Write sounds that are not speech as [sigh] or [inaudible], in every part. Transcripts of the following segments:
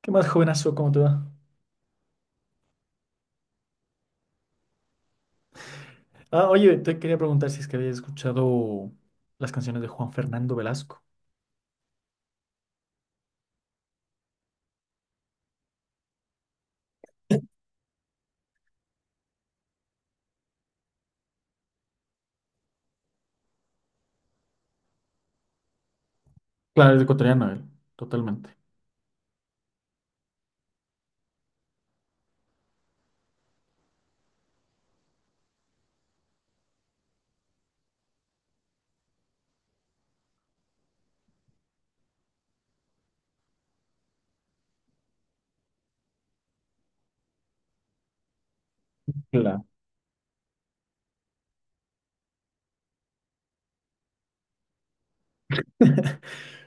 ¿Qué más, jovenazo? ¿Cómo te va? Ah, oye, te quería preguntar si es que habías escuchado las canciones de Juan Fernando Velasco. Claro, es ecuatoriano él, totalmente. Claro.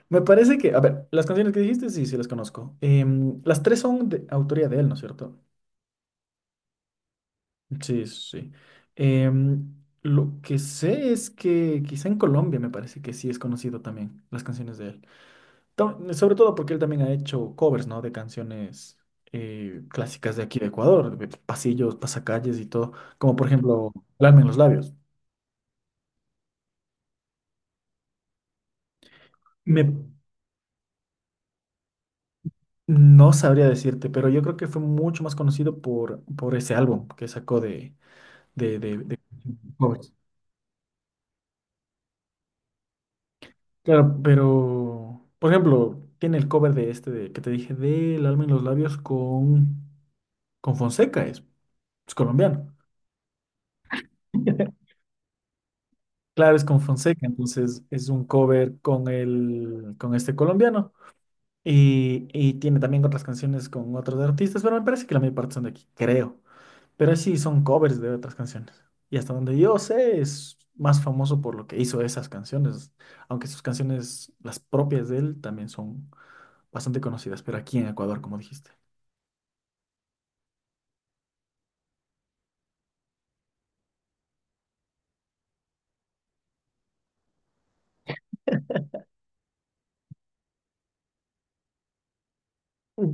Me parece que, a ver, las canciones que dijiste, sí, sí las conozco. Las tres son de autoría de él, ¿no es cierto? Sí, sí. Em, lo que sé es que quizá en Colombia me parece que sí es conocido también las canciones de él. Sobre todo porque él también ha hecho covers, ¿no? De canciones clásicas de aquí de Ecuador, de pasillos, pasacalles y todo, como por ejemplo, Alma en los labios. Me, no sabría decirte, pero yo creo que fue mucho más conocido por ese álbum que sacó de covers. Claro, pero, por ejemplo, tiene el cover de este de, que te dije, del Alma en los labios con Fonseca, es colombiano. [laughs] Claro, es con Fonseca, entonces es un cover con el, con este colombiano. Y tiene también otras canciones con otros artistas, pero me parece que la mayor parte son de aquí, creo. Pero sí, son covers de otras canciones. Y hasta donde yo sé, es más famoso por lo que hizo esas canciones. Aunque sus canciones, las propias de él, también son bastante conocidas, pero aquí en Ecuador, como dijiste.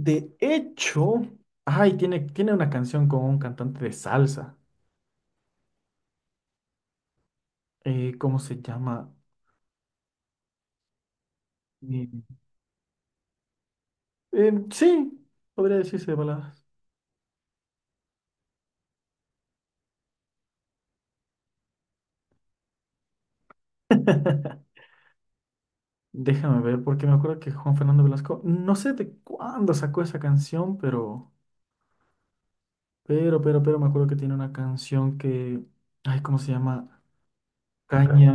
De hecho, ay, tiene una canción con un cantante de salsa. ¿Cómo se llama? Eh, sí, podría decirse de palabras. [laughs] Déjame ver, porque me acuerdo que Juan Fernando Velasco, no sé de cuándo sacó esa canción, pero, pero me acuerdo que tiene una canción que, ay, ¿cómo se llama? Caña,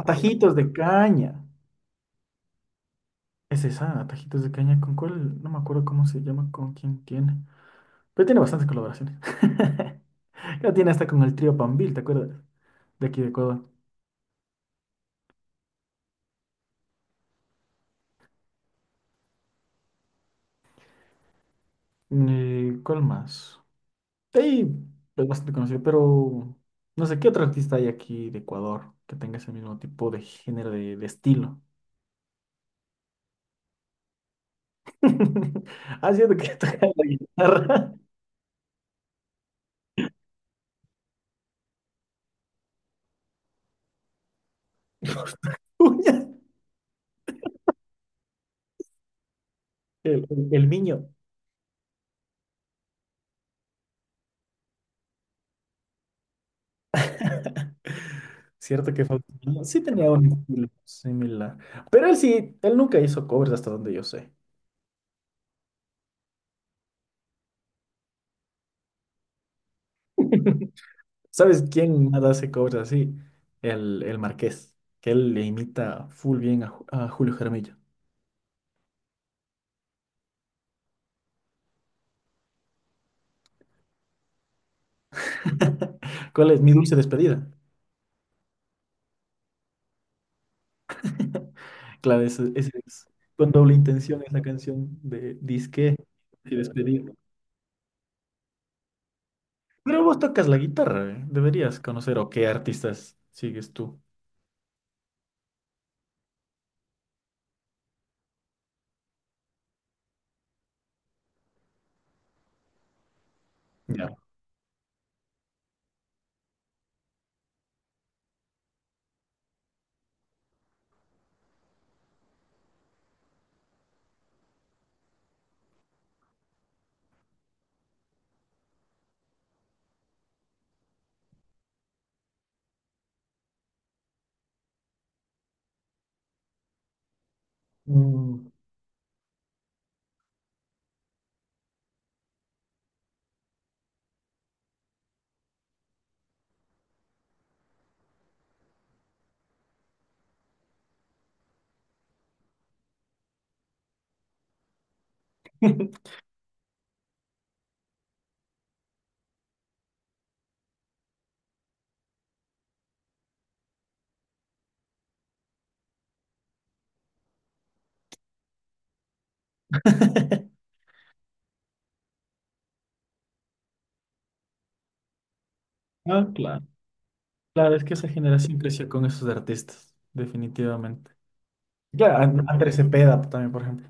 Atajitos de Caña. Es esa, Atajitos de Caña, ¿con cuál? No me acuerdo cómo se llama, con quién tiene. Pero tiene bastantes colaboraciones. [laughs] Ya tiene hasta con el trío Pambil, ¿te acuerdas? De aquí de Ecuador. ¿Cuál más? Sí, es bastante conocido, pero no sé qué otro artista hay aquí de Ecuador que tenga ese mismo tipo de género de estilo. [laughs] Haciendo que toca la guitarra. [laughs] Uña. El niño. [laughs] Cierto que Fausto Niño sí tenía un estilo similar. Pero él sí, él nunca hizo covers hasta donde yo sé. [laughs] ¿Sabes quién nada hace covers así? El Marqués, que él le imita full bien a, a Julio Jaramillo. [laughs] ¿Cuál es mi dulce despedida? [laughs] Claro, ese es con doble intención, es la canción de disque y despedirme. Pero vos tocas la guitarra, ¿eh? Deberías conocer o qué artistas sigues tú. Ya. Mm. [laughs] Ah, claro. Claro, es que esa generación creció con esos artistas, definitivamente. Claro, Andrés Cepeda también, por ejemplo.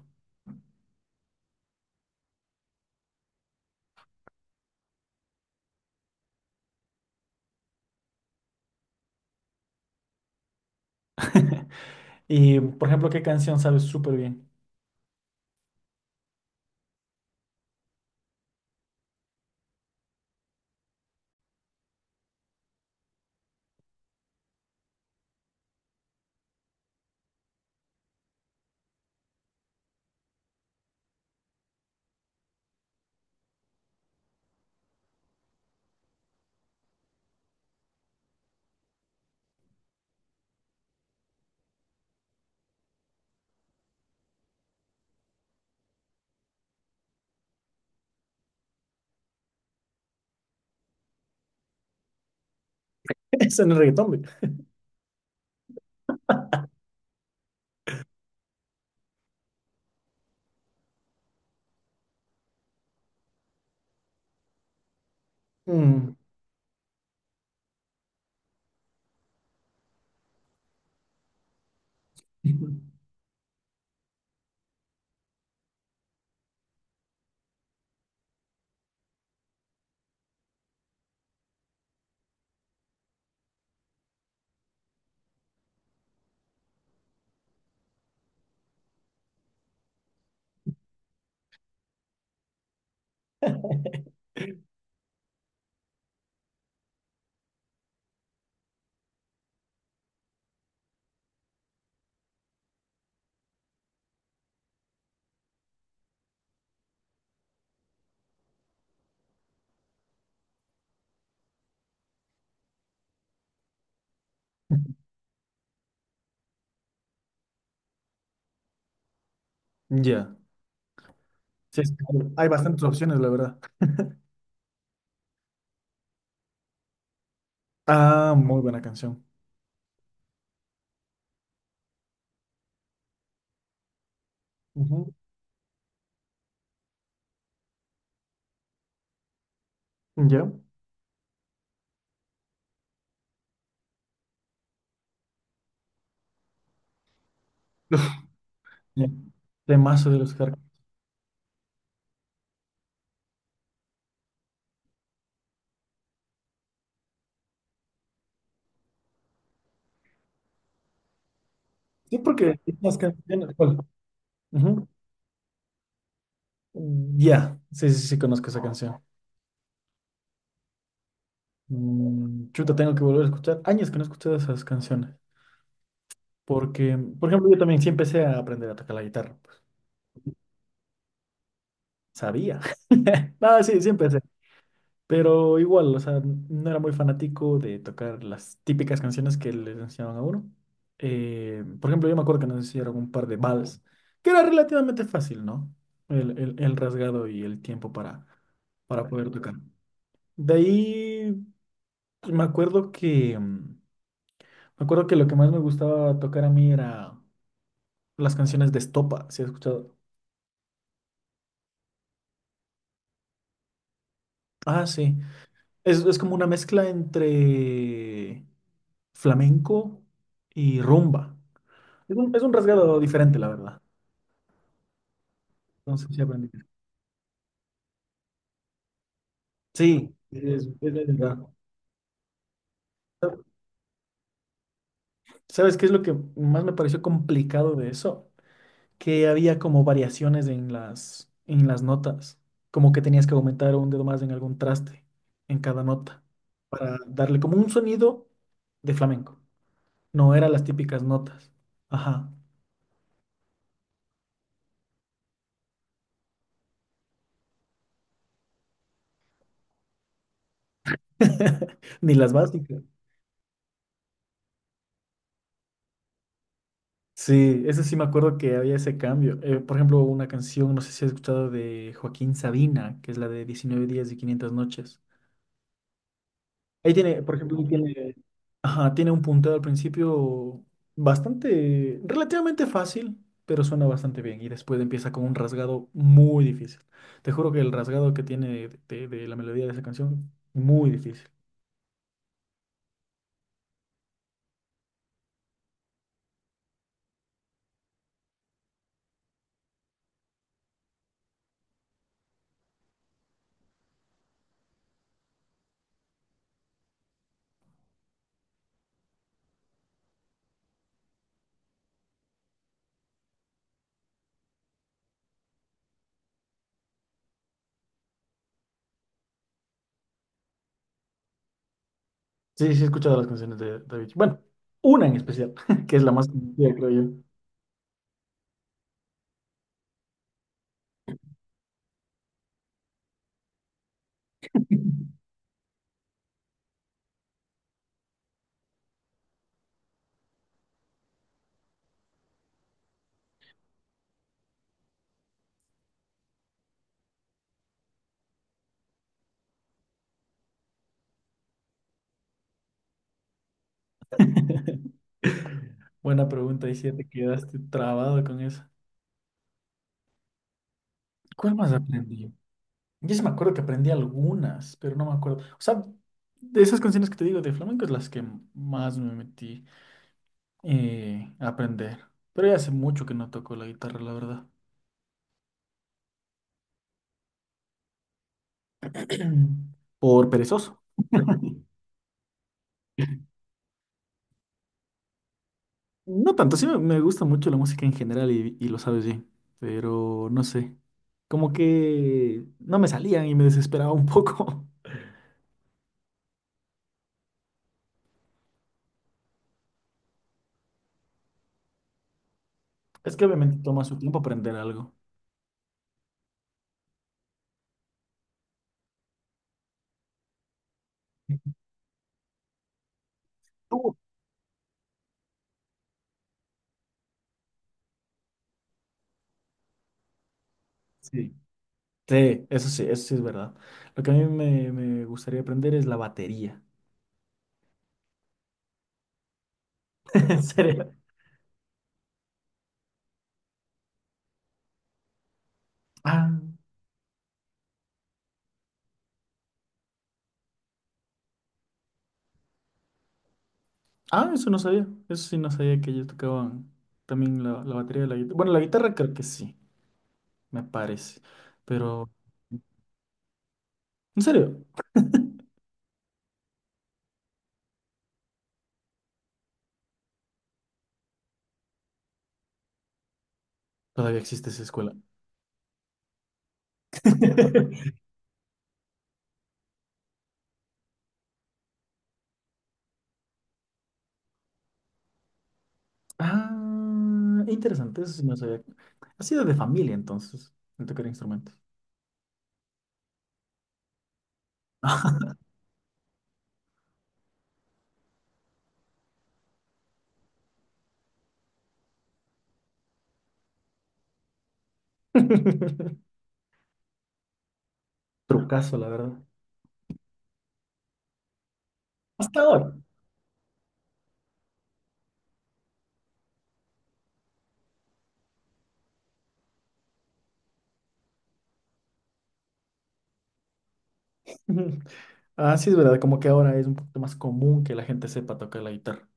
[laughs] Y, por ejemplo, ¿qué canción sabes súper bien? [laughs] Eso no es reggaetón, güey. Mm. [laughs] Ya. Sí, es que hay bastantes opciones, la verdad. Ah, muy buena canción. Ujú. ¿Ya? Ya. Temazo de los Carcas. Sí, porque hay unas canciones. ¿Cuál? Ujú. Ya, sí, sí, sí, conozco esa canción. Mm, chuta, tengo que volver a escuchar. Años que no he escuchado esas canciones. Porque, por ejemplo, yo también sí empecé a aprender a tocar la guitarra pues, sabía. [laughs] No, sí, sí empecé. Pero igual, o sea, no era muy fanático de tocar las típicas canciones que les enseñaban a uno. Por ejemplo, yo me acuerdo que nos hicieron un par de vals, que era relativamente fácil, ¿no? El rasgado y el tiempo para poder tocar. De ahí, pues, me acuerdo que, mm, me acuerdo que lo que más me gustaba tocar a mí era las canciones de estopa, ¿si has escuchado? Ah, sí. Es como una mezcla entre flamenco y rumba. Es un rasgado diferente, la verdad. Entonces sí aprendí. Sí, es verdad. ¿Sabes qué es lo que más me pareció complicado de eso? Que había como variaciones en las notas, como que tenías que aumentar un dedo más en algún traste, en cada nota, para darle como un sonido de flamenco. No eran las típicas notas. Ajá. [laughs] Ni las básicas. Sí, eso sí me acuerdo que había ese cambio. Por ejemplo, una canción, no sé si has escuchado de Joaquín Sabina, que es la de 19 días y 500 noches. Ahí tiene, por ejemplo, ahí tiene, ajá, tiene un punteo al principio bastante, relativamente fácil, pero suena bastante bien. Y después empieza con un rasgado muy difícil. Te juro que el rasgado que tiene de la melodía de esa canción, muy difícil. Sí, sí, he escuchado las canciones de David. Bueno, una en especial, [laughs] que es la más conocida, creo yo. [laughs] Buena pregunta, y si te quedaste trabado con eso. ¿Cuál más aprendí? Yo sí me acuerdo que aprendí algunas, pero no me acuerdo. O sea, de esas canciones que te digo de flamenco es las que más me metí a aprender. Pero ya hace mucho que no toco la guitarra, la verdad. [clears throat] Por perezoso. No tanto, sí me gusta mucho la música en general y lo sabes bien, pero no sé. Como que no me salían y me desesperaba un poco. [laughs] Es que obviamente toma su tiempo aprender algo. Uh, Sí, sí, eso sí, eso sí es verdad. Lo que a mí me gustaría aprender es la batería. [laughs] ¿En serio? Ah, Eso no sabía. Eso sí no sabía que ellos tocaban también la batería de la guitarra. Bueno, la guitarra creo que sí, me parece. Pero, ¿en serio todavía existe esa escuela? [laughs] Ah, interesante, eso sí no sabía. Ha sido de familia entonces, el tocar instrumentos. [laughs] Trucazo, la verdad. Hasta ahora. [laughs] Ah, sí, es verdad, como que ahora es un poquito más común que la gente sepa tocar la guitarra.